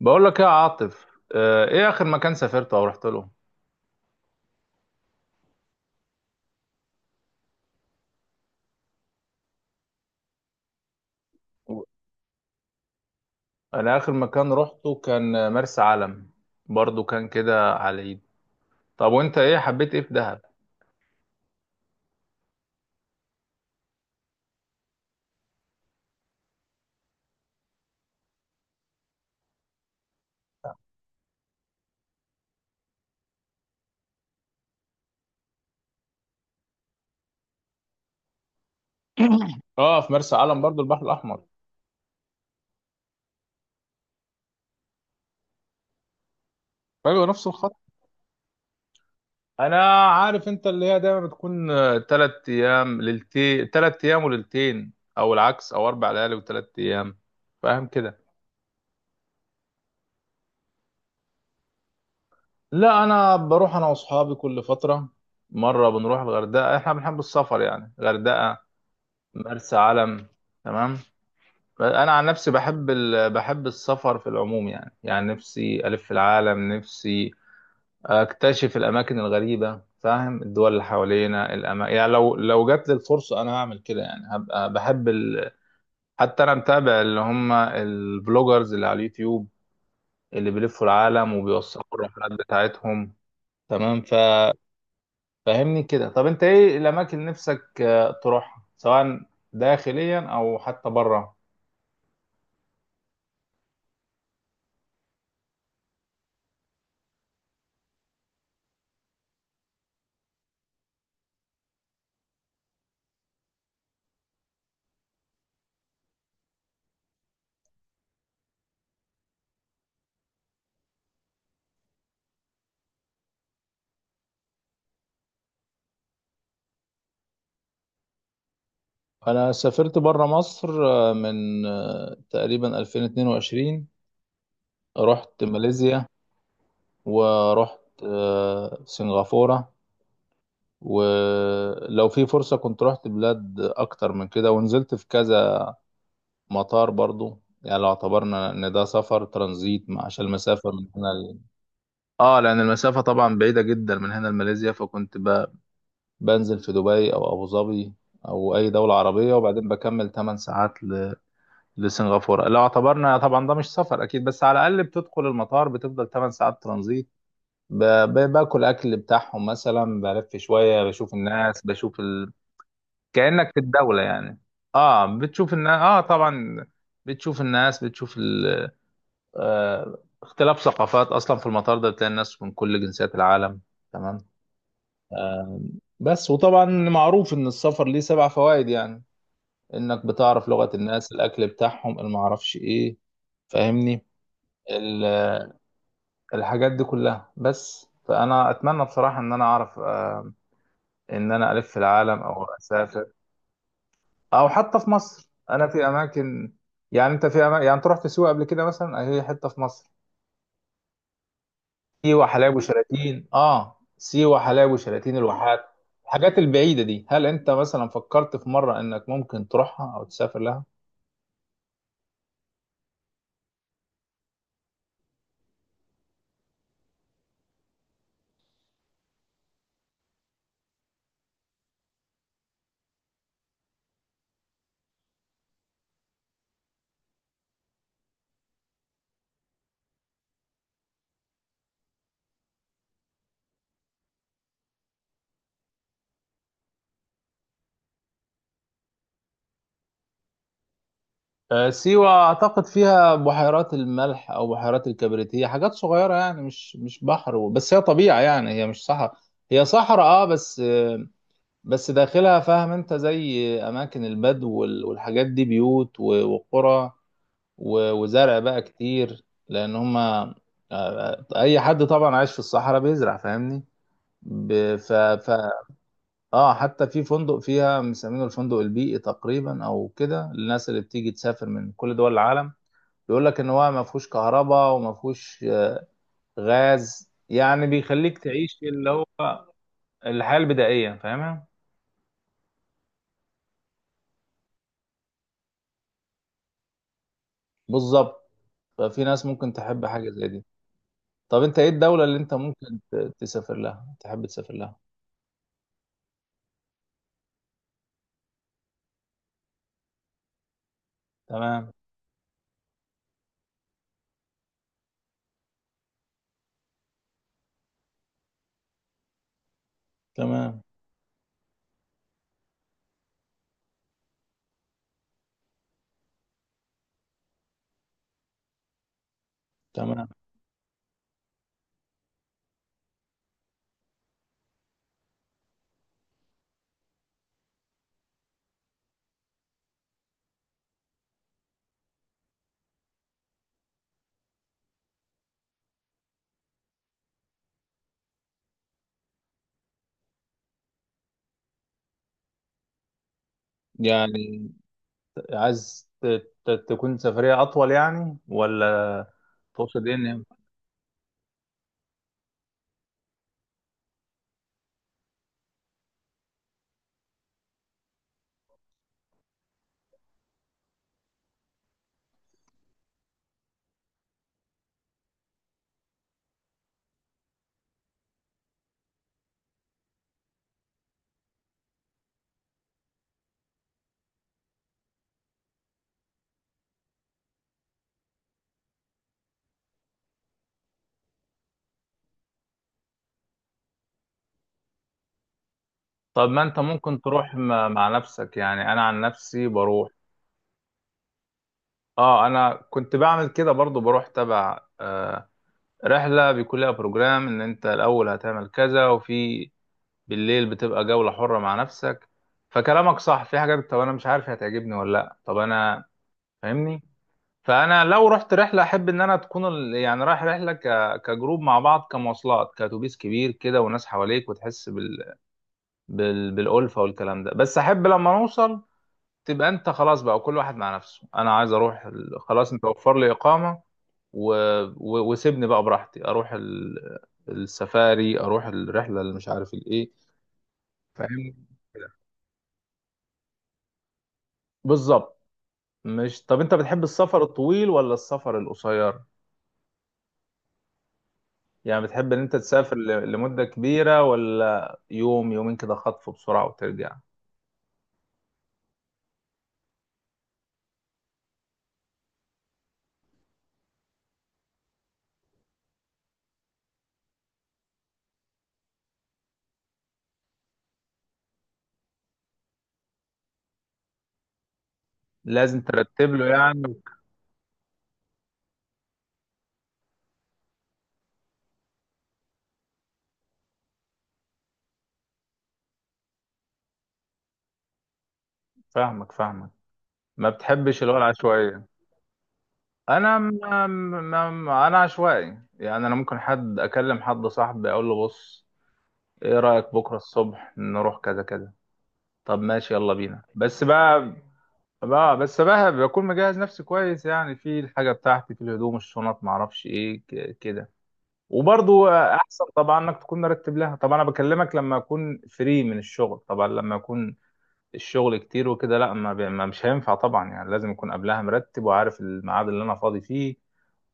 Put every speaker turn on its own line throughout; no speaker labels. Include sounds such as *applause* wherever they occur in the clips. بقول لك ايه يا عاطف؟ ايه اخر مكان سافرته او رحت له؟ انا اخر مكان روحته كان مرسى علم، برضو كان كده على اليد. طب وانت ايه حبيت ايه في دهب؟ *coughs* *clears throat* اه، في مرسى علم برضو البحر الاحمر. ايوه، نفس الخط. انا عارف انت اللي هي دايما بتكون 3 ايام ليلتين، 3 ايام وليلتين، او العكس، او 4 ليالي و3 ايام. فاهم كده؟ لا، انا بروح انا واصحابي كل فتره، مره بنروح الغردقه، احنا بنحب السفر يعني. غردقه، مرسى علم. تمام. انا عن نفسي بحب السفر في العموم يعني. يعني نفسي الف العالم، نفسي اكتشف الاماكن الغريبه، فاهم؟ الدول اللي حوالينا يعني لو جات لي الفرصه انا هعمل كده. يعني هبقى حتى انا متابع اللي هم البلوجرز اللي على اليوتيوب، اللي بيلفوا العالم وبيوثقوا الرحلات بتاعتهم. تمام. ففهمني كده، طب انت ايه الاماكن اللي نفسك تروحها، سواء داخليا او حتى بره؟ انا سافرت بره مصر من تقريبا 2022، رحت ماليزيا، ورحت سنغافورة. ولو في فرصة كنت رحت بلاد اكتر من كده، ونزلت في كذا مطار برضو، يعني لو اعتبرنا ان ده سفر ترانزيت. عشان المسافة من هنا ل... اه، لان المسافة طبعا بعيدة جدا من هنا لماليزيا، بنزل في دبي او ابو ظبي، او اي دولة عربية، وبعدين بكمل 8 ساعات لسنغافورة. لو اعتبرنا طبعا ده مش سفر أكيد، بس على الأقل بتدخل المطار، بتفضل 8 ساعات ترانزيت، ب- باكل أكل بتاعهم مثلا، بلف شوية، بشوف الناس، بشوف ال... كأنك في الدولة يعني. اه، بتشوف الناس، اه طبعا. بتشوف الناس، بتشوف ال... آه، اختلاف ثقافات. أصلا في المطار ده بتلاقي الناس من كل جنسيات العالم. تمام. بس وطبعا معروف إن السفر ليه 7 فوائد يعني. إنك بتعرف لغة الناس، الأكل بتاعهم، المعرفش إيه، فاهمني؟ الحاجات دي كلها. بس فانا اتمنى بصراحه ان انا اعرف ان انا الف في العالم او اسافر، او حتى في مصر، انا في اماكن. يعني انت في أماكن، يعني انت رحت سيوه قبل كده مثلا، هي حته في مصر. سيوه، حلايب وشلاتين، اه سيوه، حلايب وشلاتين، الواحات. الحاجات البعيده دي، هل انت مثلا فكرت في مره انك ممكن تروحها او تسافر لها؟ سيوة أعتقد فيها بحيرات الملح أو بحيرات الكبريت، هي حاجات صغيرة يعني، مش بحر بس هي طبيعة يعني، هي مش صحراء. هي صحراء أه، بس داخلها فاهم أنت؟ زي أماكن البدو والحاجات دي، بيوت وقرى وزرع بقى كتير. لأن هما أي حد طبعا عايش في الصحراء بيزرع، فاهمني؟ ب- ف ف اه، حتى في فندق فيها مسمينه الفندق البيئي تقريبا او كده، للناس اللي بتيجي تسافر من كل دول العالم. بيقول لك ان هو ما فيهوش كهرباء، وما فيهوش غاز، يعني بيخليك تعيش اللي هو الحياة البدائية، فاهمها؟ بالظبط. ففي ناس ممكن تحب حاجة زي دي. طب انت ايه الدولة اللي انت ممكن تسافر لها، تحب تسافر لها؟ تمام. تمام. تمام. يعني عايز تكون سفرية اطول يعني ولا؟ تقصد ايه إن-؟ طب ما انت ممكن تروح مع نفسك، يعني انا عن نفسي بروح. اه انا كنت بعمل كده برضو، بروح تبع رحلة بيكون لها بروجرام، إن أنت الأول هتعمل كذا، وفي بالليل بتبقى جولة حرة مع نفسك. فكلامك صح، في حاجات طب أنا مش عارف هي هتعجبني ولا لأ، طب أنا فاهمني؟ فأنا لو رحت رحلة، أحب إن أنا تكون ال... يعني رايح رحلة كجروب مع بعض، كمواصلات، كأتوبيس كبير كده، وناس حواليك، وتحس بالألفة والكلام ده. بس أحب لما نوصل، تبقى انت خلاص بقى كل واحد مع نفسه. انا عايز اروح ال... خلاص، انت وفر لي اقامه و... وسيبني بقى براحتي اروح ال... السفاري، اروح الرحله اللي مش عارف الايه. فاهم كده. بالظبط. مش طب انت بتحب السفر الطويل ولا السفر القصير؟ يعني بتحب ان انت تسافر ل... لمده كبيره، ولا يوم يومين كده خطف بسرعه وترجع؟ لازم ترتب له يعني. فاهمك فاهمك، ما بتحبش اللي هو العشوائيه. انا انا عشوائي يعني. انا ممكن حد اكلم، حد صاحبي اقول له بص، ايه رايك بكره الصبح نروح كذا كذا؟ طب ماشي، يلا بينا. بس بقى بكون مجهز نفسي كويس يعني، في الحاجه بتاعتي، في الهدوم، الشنط، ما اعرفش ايه، كده. وبرضو احسن طبعا انك تكون مرتب لها طبعا. انا بكلمك لما اكون فري من الشغل طبعا، لما اكون الشغل كتير وكده، لا، ما بي- ما مش هينفع طبعا. يعني لازم اكون قبلها مرتب، وعارف الميعاد اللي انا فاضي فيه،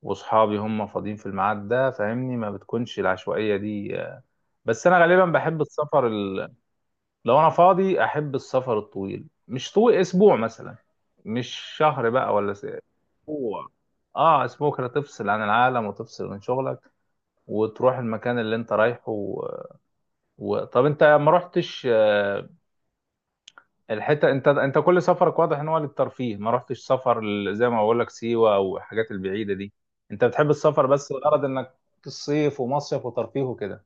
واصحابي هم فاضيين في الميعاد ده، فاهمني؟ ما بتكونش العشوائيه دي آه. بس انا غالبا بحب السفر ال... لو انا فاضي، احب السفر الطويل، مش طويل اسبوع مثلا، مش شهر بقى ولا س... اسبوع، اه اسبوع كده، تفصل عن العالم، وتفصل من شغلك، وتروح المكان اللي انت رايحه و... و... طب انت ما رحتش الحته، انت انت كل سفرك واضح ان هو للترفيه، ما رحتش سفر زي ما بقول لك سيوه، او الحاجات البعيده دي. انت بتحب السفر بس الغرض انك الصيف، ومصيف وترفيه وكده.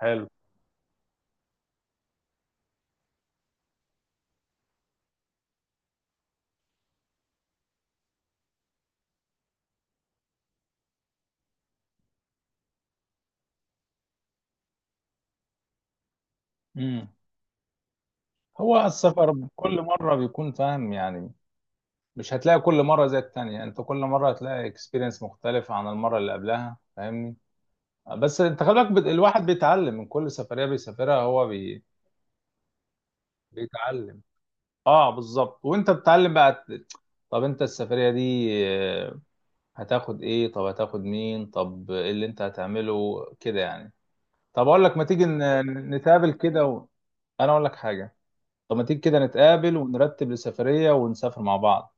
حلو. امم، هو السفر كل مره بيكون فاهم يعني، مش هتلاقي كل مره زي التانية، انت كل مره هتلاقي اكسبيرينس مختلف عن المره اللي قبلها، فاهمني؟ بس انت خلي بالك الواحد بيتعلم من كل سفريه بيسافرها، هو بي... بيتعلم. اه بالظبط. وانت بتتعلم بقى طب انت السفريه دي هتاخد ايه؟ طب هتاخد مين؟ طب ايه اللي انت هتعمله كده يعني؟ طب اقول لك، ما تيجي نتقابل كده و... انا اقول لك حاجة، طب ما تيجي كده نتقابل ونرتب لسفرية ونسافر مع بعض.